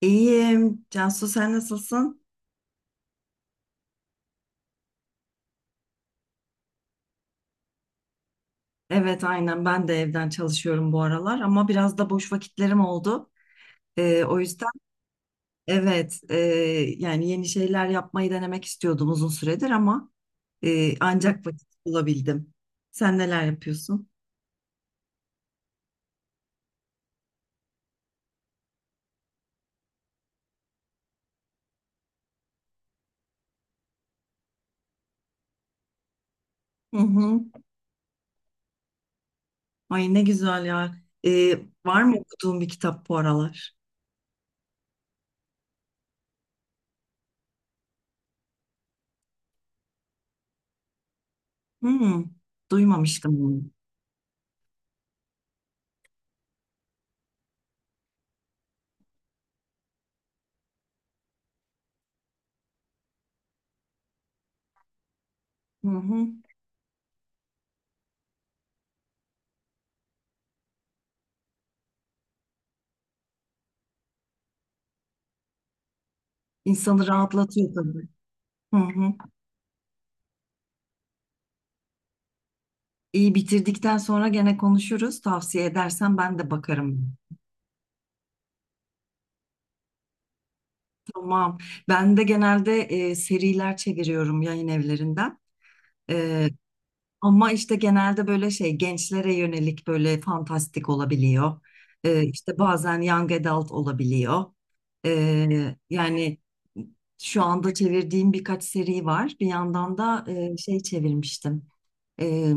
İyiyim. Cansu, sen nasılsın? Evet aynen ben de evden çalışıyorum bu aralar ama biraz da boş vakitlerim oldu. O yüzden evet, yani yeni şeyler yapmayı denemek istiyordum uzun süredir ama ancak vakit bulabildim. Sen neler yapıyorsun? Hı hı. Ay ne güzel ya. Ee, var mı okuduğun bir kitap bu aralar? Hı, duymamıştım bunu. Hı hı. İnsanı rahatlatıyor tabii. Hı hı. İyi bitirdikten sonra gene konuşuruz. Tavsiye edersen ben de bakarım. Tamam. Ben de genelde seriler çeviriyorum yayın evlerinden. E, ama işte genelde böyle şey gençlere yönelik böyle fantastik olabiliyor. İşte bazen young adult olabiliyor. Yani şu anda çevirdiğim birkaç seri var. Bir yandan da şey çevirmiştim. e,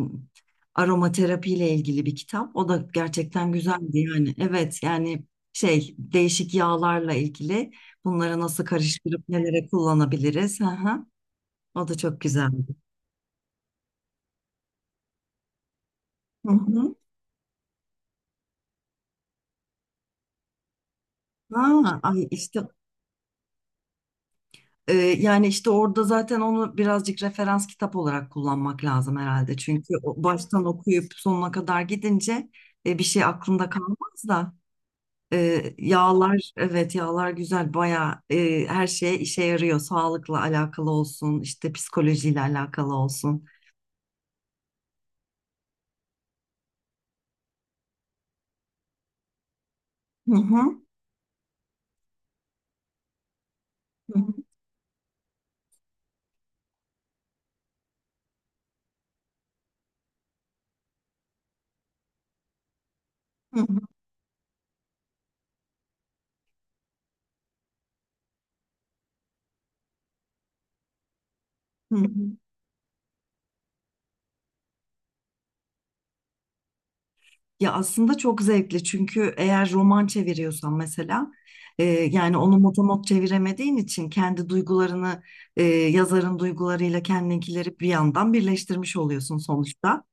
aromaterapi ile ilgili bir kitap. O da gerçekten güzeldi yani. Evet yani şey değişik yağlarla ilgili bunları nasıl karıştırıp nelere kullanabiliriz. Hı hı. O da çok güzeldi. Hı hı. Ha, ay işte, yani işte orada zaten onu birazcık referans kitap olarak kullanmak lazım herhalde. Çünkü o baştan okuyup sonuna kadar gidince bir şey aklında kalmaz da. Yağlar evet, yağlar güzel bayağı, her şeye işe yarıyor. Sağlıkla alakalı olsun, işte psikolojiyle alakalı olsun. Hı hı, hı hı, hı hı. Ya aslında çok zevkli çünkü eğer roman çeviriyorsan mesela, yani onu motomot çeviremediğin için kendi duygularını, yazarın duygularıyla kendinkileri bir yandan birleştirmiş oluyorsun sonuçta.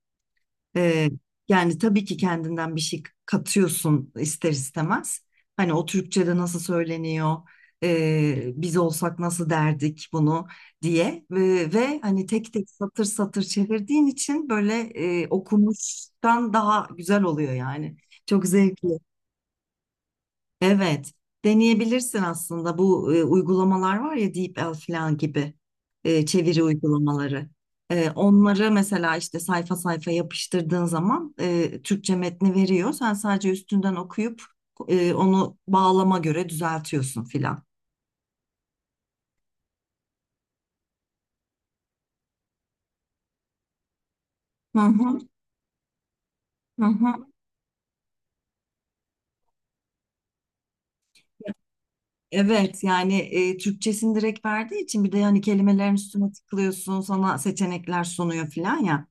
Ee, yani tabii ki kendinden bir şey katıyorsun ister istemez. Hani o Türkçe'de nasıl söyleniyor, biz olsak nasıl derdik bunu diye, ve hani tek tek satır satır çevirdiğin için böyle okumuştan daha güzel oluyor yani. Çok zevkli. Evet, deneyebilirsin aslında bu uygulamalar var ya, DeepL falan gibi çeviri uygulamaları. Onları mesela işte sayfa sayfa yapıştırdığın zaman Türkçe metni veriyor. Sen sadece üstünden okuyup onu bağlama göre düzeltiyorsun filan. Hı hı, hı hı. Evet yani Türkçesini direkt verdiği için, bir de yani kelimelerin üstüne tıklıyorsun, sana seçenekler sunuyor filan ya.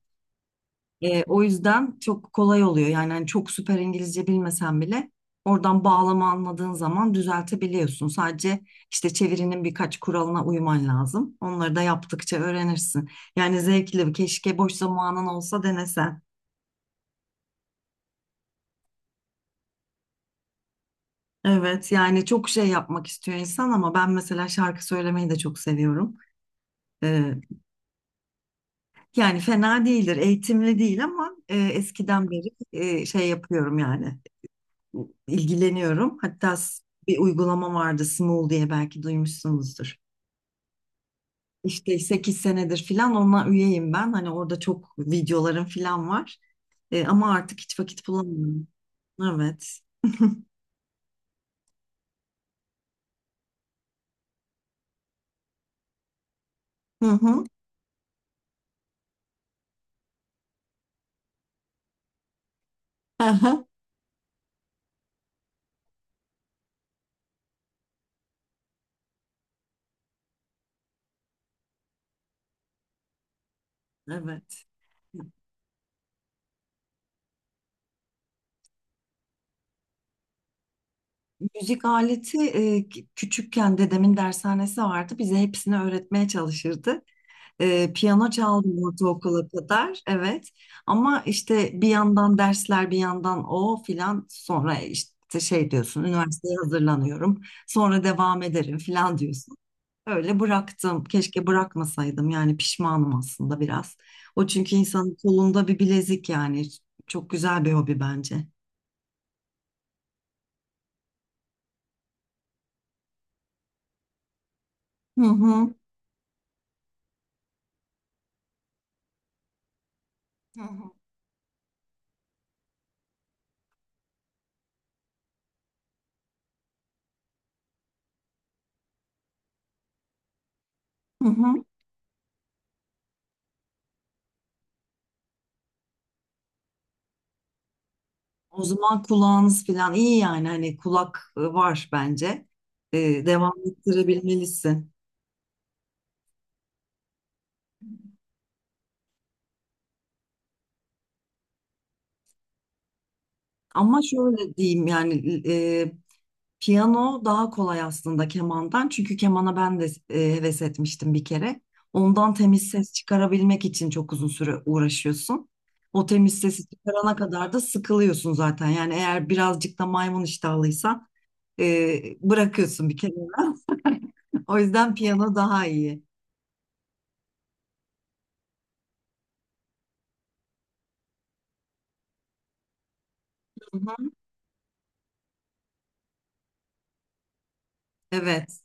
O yüzden çok kolay oluyor. Yani hani çok süper İngilizce bilmesen bile oradan bağlama anladığın zaman düzeltebiliyorsun. Sadece işte çevirinin birkaç kuralına uyman lazım. Onları da yaptıkça öğrenirsin. Yani zevkli, keşke boş zamanın olsa denesen. Evet, yani çok şey yapmak istiyor insan ama ben mesela şarkı söylemeyi de çok seviyorum. E, yani fena değildir, eğitimli değil ama eskiden beri şey yapıyorum yani. İlgileniyorum. Hatta bir uygulama vardı, Smule diye, belki duymuşsunuzdur. İşte 8 senedir filan ona üyeyim ben. Hani orada çok videolarım filan var. Ama artık hiç vakit bulamıyorum. Evet. Hı hı. Aha. Evet. Müzik aleti, küçükken dedemin dershanesi vardı. Bize hepsini öğretmeye çalışırdı. Piyano çaldım ortaokula kadar, evet. Ama işte bir yandan dersler, bir yandan o filan. Sonra işte şey diyorsun, üniversiteye hazırlanıyorum. Sonra devam ederim filan diyorsun. Öyle bıraktım. Keşke bırakmasaydım. Yani pişmanım aslında biraz. O çünkü insanın kolunda bir bilezik yani. Çok güzel bir hobi bence. Hı hı. Hı hı. Hı hı. O zaman kulağınız filan iyi yani. Hani kulak var bence. Devam ettirebilmelisin. Ama şöyle diyeyim yani, piyano daha kolay aslında kemandan. Çünkü kemana ben de heves etmiştim bir kere. Ondan temiz ses çıkarabilmek için çok uzun süre uğraşıyorsun. O temiz sesi çıkarana kadar da sıkılıyorsun zaten. Yani eğer birazcık da maymun iştahlıysan bırakıyorsun bir kenara. O yüzden piyano daha iyi. Hı hı. Evet.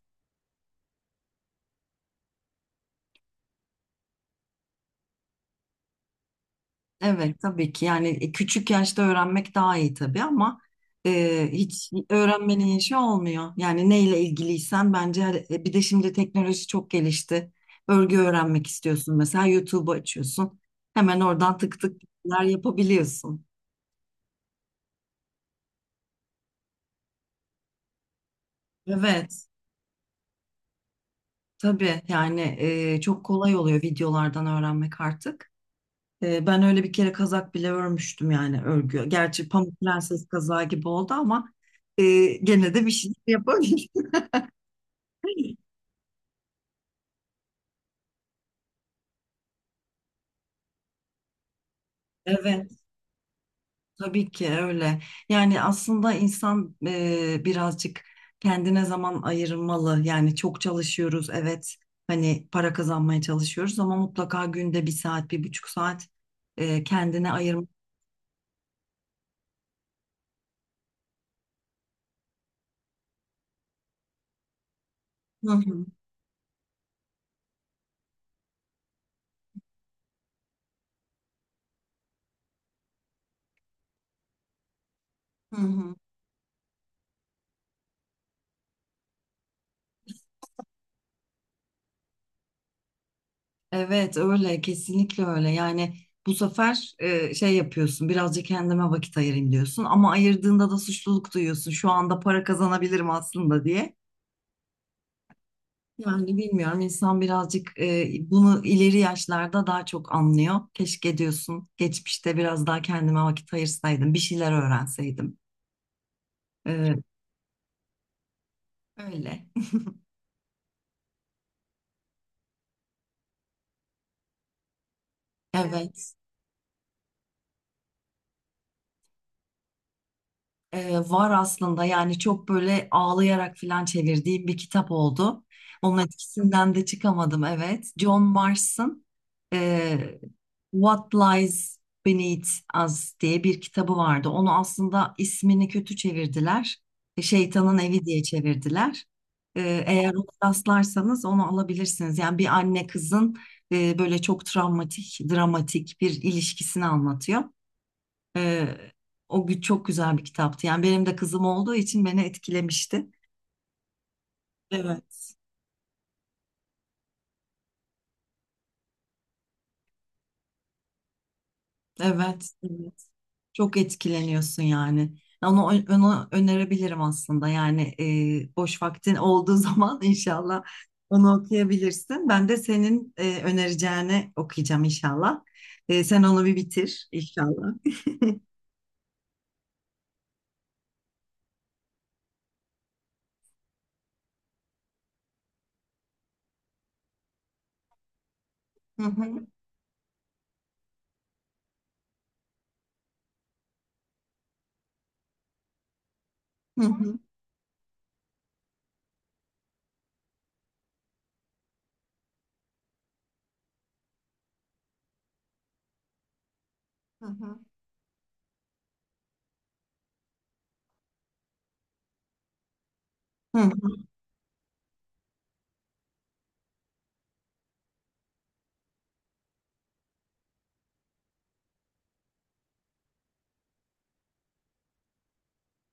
Evet tabii ki yani küçük yaşta öğrenmek daha iyi tabii ama hiç öğrenmenin yaşı olmuyor. Yani neyle ilgiliysen bence bir de şimdi teknoloji çok gelişti. Örgü öğrenmek istiyorsun mesela, YouTube'u açıyorsun. Hemen oradan tık tık tıklar yapabiliyorsun. Evet tabii yani çok kolay oluyor videolardan öğrenmek artık. Ben öyle bir kere kazak bile örmüştüm yani, örgü. Gerçi Pamuk Prenses kazağı gibi oldu ama e, gene de bir şey yapabildim. Evet, tabii ki öyle. Yani aslında insan birazcık kendine zaman ayırmalı. Yani çok çalışıyoruz, evet. Hani para kazanmaya çalışıyoruz ama mutlaka günde bir saat, bir buçuk saat kendine ayırmalı. Hı hı, hı hı. Evet, öyle. Kesinlikle öyle. Yani bu sefer şey yapıyorsun, birazcık kendime vakit ayırayım diyorsun. Ama ayırdığında da suçluluk duyuyorsun. Şu anda para kazanabilirim aslında diye. Yani bilmiyorum, insan birazcık bunu ileri yaşlarda daha çok anlıyor. Keşke diyorsun, geçmişte biraz daha kendime vakit ayırsaydım, bir şeyler öğrenseydim. E, öyle. Evet, var aslında yani, çok böyle ağlayarak falan çevirdiğim bir kitap oldu. Onun etkisinden de çıkamadım, evet. John Mars'ın What Lies Beneath Us diye bir kitabı vardı. Onu aslında ismini kötü çevirdiler. Şeytanın Evi diye çevirdiler. Eğer ona rastlarsanız onu alabilirsiniz. Yani bir anne kızın böyle çok travmatik, dramatik bir ilişkisini anlatıyor. Ee, Çok güzel bir kitaptı. Yani benim de kızım olduğu için beni etkilemişti. Evet. Evet. Çok etkileniyorsun yani. Onu, onu önerebilirim aslında. Yani boş vaktin olduğu zaman inşallah onu okuyabilirsin. Ben de senin önereceğini okuyacağım inşallah. Sen onu bir bitir inşallah. Hı hı, hı hı, hı hı, hı hı.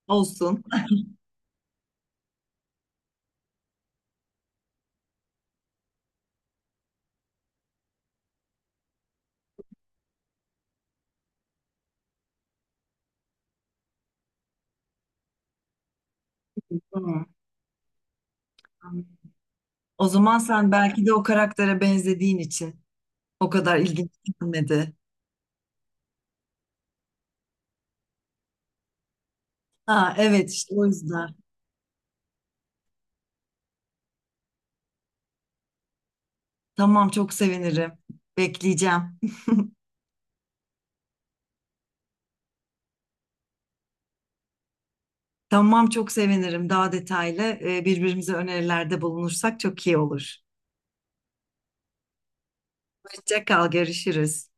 Olsun. Hı. O zaman sen belki de o karaktere benzediğin için o kadar ilginç gelmedi. Ha, evet, işte o yüzden. Tamam, çok sevinirim. Bekleyeceğim. Tamam, çok sevinirim. Daha detaylı birbirimize önerilerde bulunursak çok iyi olur. Hoşça kal, görüşürüz.